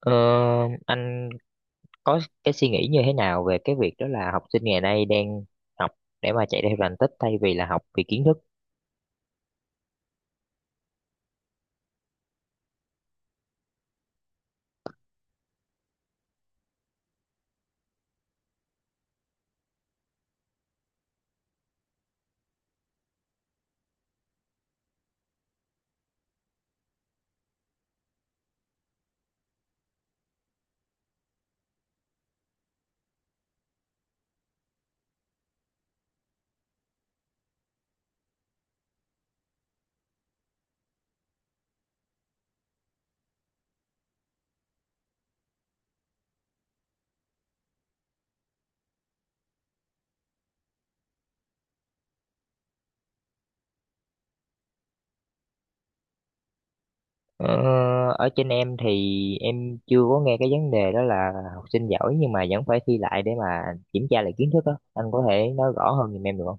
Ờ, anh có cái suy nghĩ như thế nào về cái việc đó là học sinh ngày nay đang học để mà chạy theo thành tích thay vì là học vì kiến thức? Ờ, Ở trên em thì em chưa có nghe cái vấn đề đó là học sinh giỏi nhưng mà vẫn phải thi lại để mà kiểm tra lại kiến thức đó. Anh có thể nói rõ hơn giùm em được không?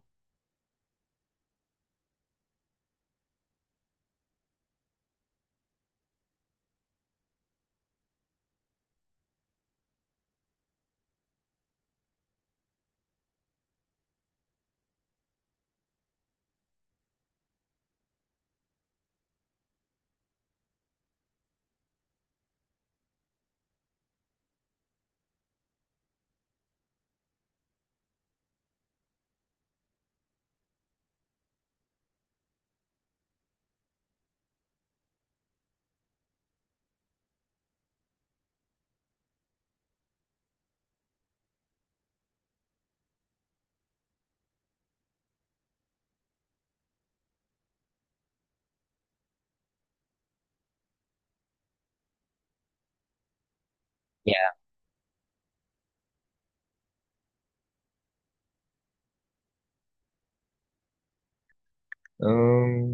Ừ,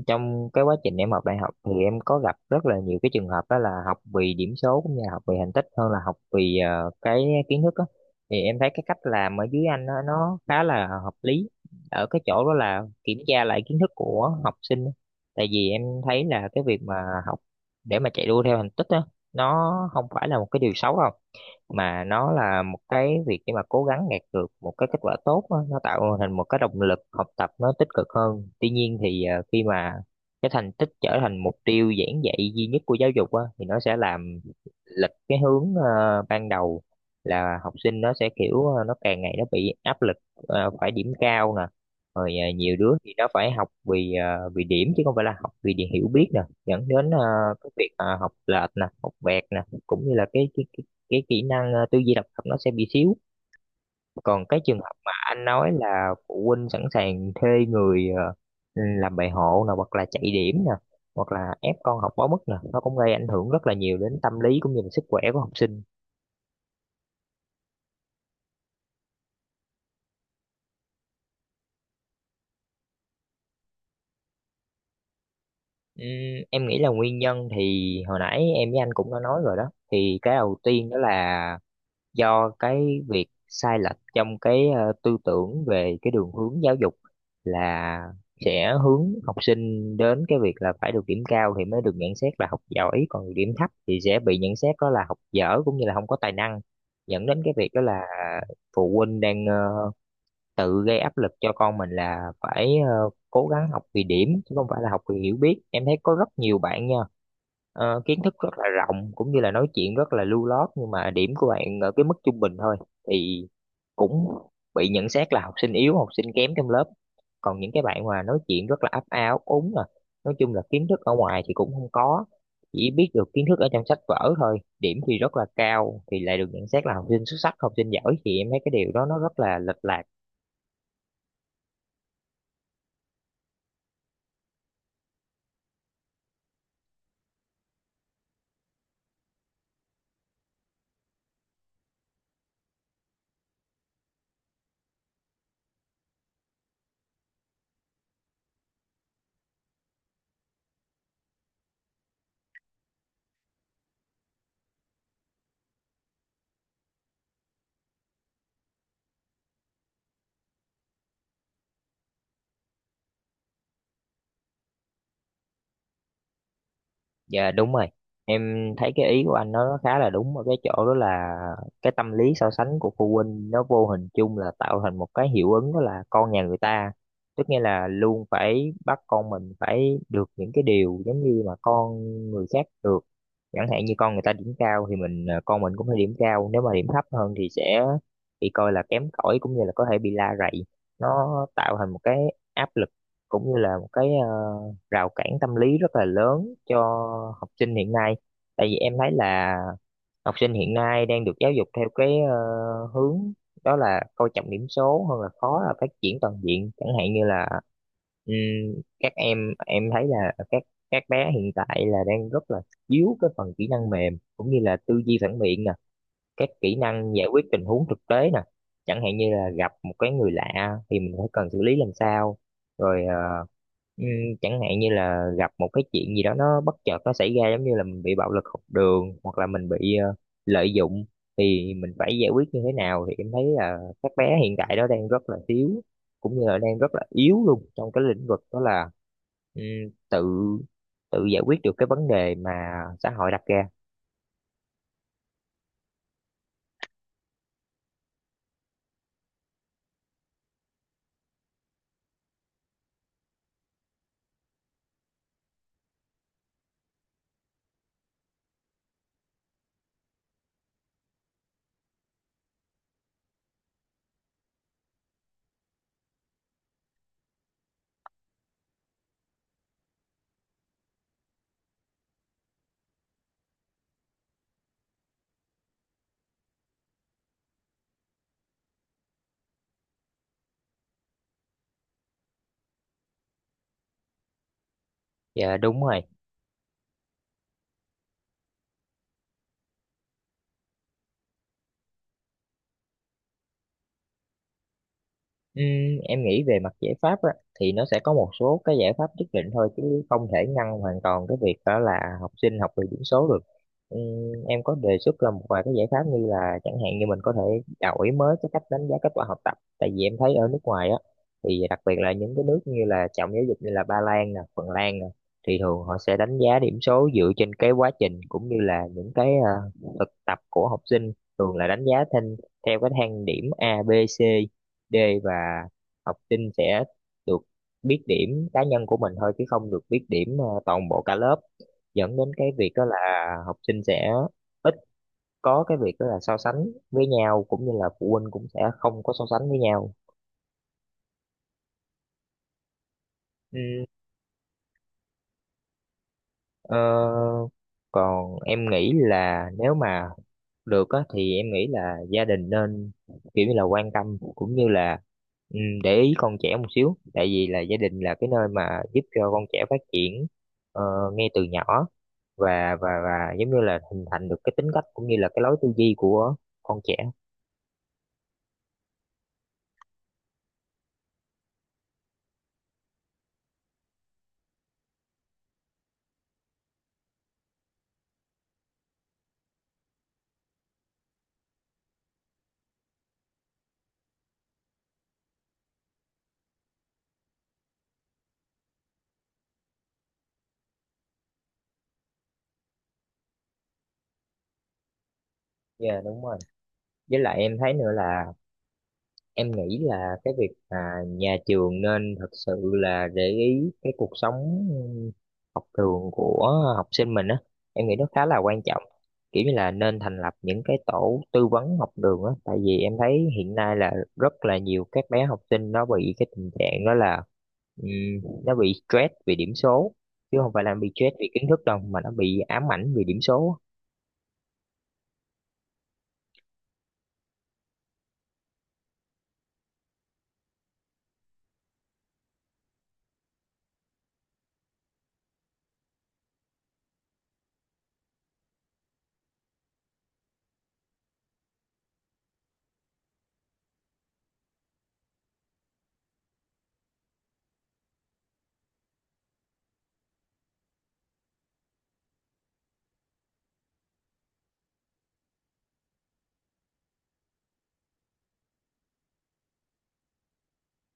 trong cái quá trình em học đại học thì em có gặp rất là nhiều cái trường hợp đó là học vì điểm số cũng như là học vì thành tích hơn là học vì cái kiến thức á, thì em thấy cái cách làm ở dưới anh nó khá là hợp lý ở cái chỗ đó là kiểm tra lại kiến thức của học sinh á. Tại vì em thấy là cái việc mà học để mà chạy đua theo thành tích á, nó không phải là một cái điều xấu đâu mà nó là một cái việc để mà cố gắng đạt được một cái kết quả tốt á, nó tạo thành một cái động lực học tập nó tích cực hơn. Tuy nhiên thì khi mà cái thành tích trở thành mục tiêu giảng dạy duy nhất của giáo dục á, thì nó sẽ làm lịch cái hướng ban đầu là học sinh nó sẽ kiểu nó càng ngày nó bị áp lực, phải điểm cao nè, rồi nhiều đứa thì nó phải học vì vì điểm chứ không phải là học vì điều hiểu biết nè, dẫn đến cái việc học lệch nè, học vẹt nè, cũng như là cái kỹ năng tư duy độc lập nó sẽ bị xíu. Còn cái trường hợp mà anh nói là phụ huynh sẵn sàng thuê người làm bài hộ nè hoặc là chạy điểm nè hoặc là ép con học quá mức nè, nó cũng gây ảnh hưởng rất là nhiều đến tâm lý cũng như là sức khỏe của học sinh. Ừm, em nghĩ là nguyên nhân thì hồi nãy em với anh cũng đã nói rồi đó, thì cái đầu tiên đó là do cái việc sai lệch trong cái tư tưởng về cái đường hướng giáo dục là sẽ hướng học sinh đến cái việc là phải được điểm cao thì mới được nhận xét là học giỏi, còn điểm thấp thì sẽ bị nhận xét đó là học dở cũng như là không có tài năng, dẫn đến cái việc đó là phụ huynh đang tự gây áp lực cho con mình là phải cố gắng học vì điểm chứ không phải là học vì hiểu biết. Em thấy có rất nhiều bạn nha, kiến thức rất là rộng cũng như là nói chuyện rất là lưu loát nhưng mà điểm của bạn ở cái mức trung bình thôi thì cũng bị nhận xét là học sinh yếu, học sinh kém trong lớp. Còn những cái bạn mà nói chuyện rất là ấp a ấp úng à, nói chung là kiến thức ở ngoài thì cũng không có, chỉ biết được kiến thức ở trong sách vở thôi, điểm thì rất là cao thì lại được nhận xét là học sinh xuất sắc, học sinh giỏi, thì em thấy cái điều đó nó rất là lệch lạc. Dạ đúng rồi. Em thấy cái ý của anh nó khá là đúng ở cái chỗ đó là cái tâm lý so sánh của phụ huynh nó vô hình chung là tạo thành một cái hiệu ứng đó là con nhà người ta. Tức nghĩa là luôn phải bắt con mình phải được những cái điều giống như mà con người khác được. Chẳng hạn như con người ta điểm cao thì mình con mình cũng phải điểm cao, nếu mà điểm thấp hơn thì sẽ bị coi là kém cỏi cũng như là có thể bị la rầy. Nó tạo thành một cái áp lực cũng như là một cái rào cản tâm lý rất là lớn cho học sinh hiện nay, tại vì em thấy là học sinh hiện nay đang được giáo dục theo cái hướng đó là coi trọng điểm số hơn là khó là phát triển toàn diện. Chẳng hạn như là ừm, các em thấy là các các bé hiện tại là đang rất là thiếu cái phần kỹ năng mềm cũng như là tư duy phản biện nè, các kỹ năng giải quyết tình huống thực tế nè, chẳng hạn như là gặp một cái người lạ thì mình phải cần xử lý làm sao, rồi ừm, chẳng hạn như là gặp một cái chuyện gì đó nó bất chợt nó xảy ra giống như là mình bị bạo lực học đường hoặc là mình bị lợi dụng thì mình phải giải quyết như thế nào, thì em thấy là các bé hiện tại đó đang rất là thiếu cũng như là đang rất là yếu luôn trong cái lĩnh vực đó là ừm, tự tự giải quyết được cái vấn đề mà xã hội đặt ra. Dạ đúng rồi. Ừm, em nghĩ về mặt giải pháp á, thì nó sẽ có một số cái giải pháp nhất định thôi chứ không thể ngăn hoàn toàn cái việc đó là học sinh học về điểm số được. Em có đề xuất ra một vài cái giải pháp như là chẳng hạn như mình có thể đổi mới cái cách đánh giá kết quả học tập. Tại vì em thấy ở nước ngoài á, thì đặc biệt là những cái nước như là trọng giáo dục như là Ba Lan nè, Phần Lan nè, thì thường họ sẽ đánh giá điểm số dựa trên cái quá trình cũng như là những cái thực tập của học sinh, thường là đánh giá thêm theo cái thang điểm A, B, C, D. Và học sinh sẽ được biết điểm cá nhân của mình thôi chứ không được biết điểm toàn bộ cả lớp, dẫn đến cái việc đó là học sinh sẽ ít có cái việc đó là so sánh với nhau cũng như là phụ huynh cũng sẽ không có so sánh với nhau. Ừm, ờ, Còn em nghĩ là nếu mà được á thì em nghĩ là gia đình nên kiểu như là quan tâm cũng như là ừ, để ý con trẻ một xíu, tại vì là gia đình là cái nơi mà giúp cho con trẻ phát triển ờ, ngay từ nhỏ, và giống như là hình thành được cái tính cách cũng như là cái lối tư duy của con trẻ. Dạ đúng rồi. Với lại em thấy nữa là em nghĩ là cái việc mà nhà trường nên thật sự là để ý cái cuộc sống học đường của học sinh mình á, em nghĩ nó khá là quan trọng, kiểu như là nên thành lập những cái tổ tư vấn học đường á, tại vì em thấy hiện nay là rất là nhiều các bé học sinh nó bị cái tình trạng đó là ừm, nó bị stress vì điểm số chứ không phải là bị stress vì kiến thức đâu, mà nó bị ám ảnh vì điểm số.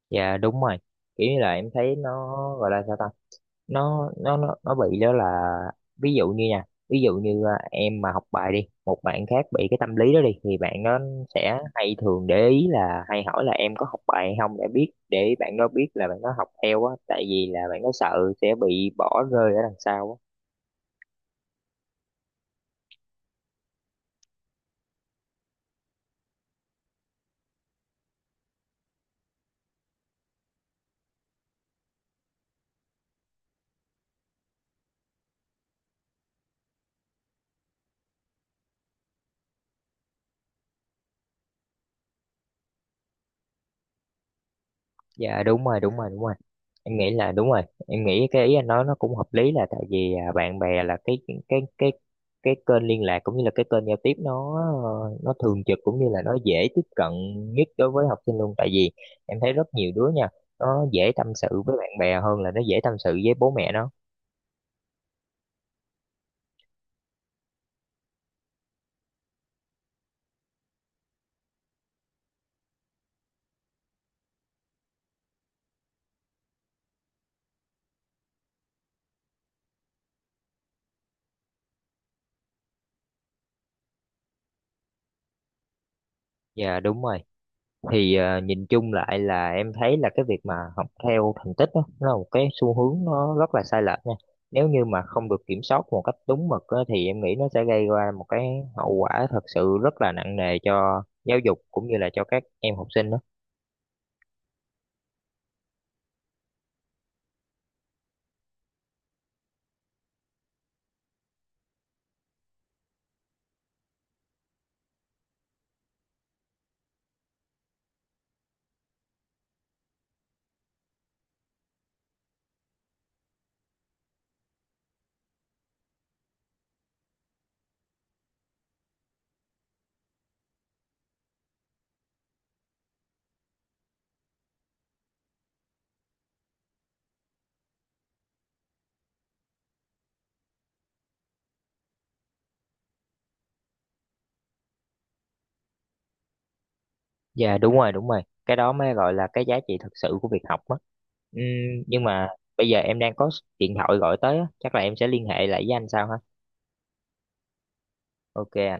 Dạ đúng rồi. Kiểu như là em thấy nó gọi là sao ta, nó bị đó là, ví dụ như nha, ví dụ như à, em mà học bài đi, một bạn khác bị cái tâm lý đó đi, thì bạn nó sẽ hay thường để ý là hay hỏi là em có học bài hay không, để biết để bạn nó biết là bạn nó học theo á, tại vì là bạn nó sợ sẽ bị bỏ rơi ở đằng sau á. Dạ đúng rồi, đúng rồi, đúng rồi. Em nghĩ là đúng rồi, em nghĩ cái ý anh nói nó cũng hợp lý là tại vì à, bạn bè là cái cái cái kênh liên lạc cũng như là cái kênh giao tiếp, nó nó thường trực cũng như là nó dễ tiếp cận nhất đối với học sinh luôn, tại vì em thấy rất nhiều đứa nha, nó dễ tâm sự với bạn bè hơn là nó dễ tâm sự với bố mẹ nó. Dạ đúng rồi. Thì à, nhìn chung lại là em thấy là cái việc mà học theo thành tích á, nó là một cái xu hướng nó rất là sai lệch nha, nếu như mà không được kiểm soát một cách đúng mực á, thì em nghĩ nó sẽ gây ra một cái hậu quả thật sự rất là nặng nề cho giáo dục cũng như là cho các em học sinh đó. Dạ đúng rồi, đúng rồi, cái đó mới gọi là cái giá trị thật sự của việc học á. Nhưng mà bây giờ em đang có điện thoại gọi tới á, chắc là em sẽ liên hệ lại với anh sau ha. OK ạ.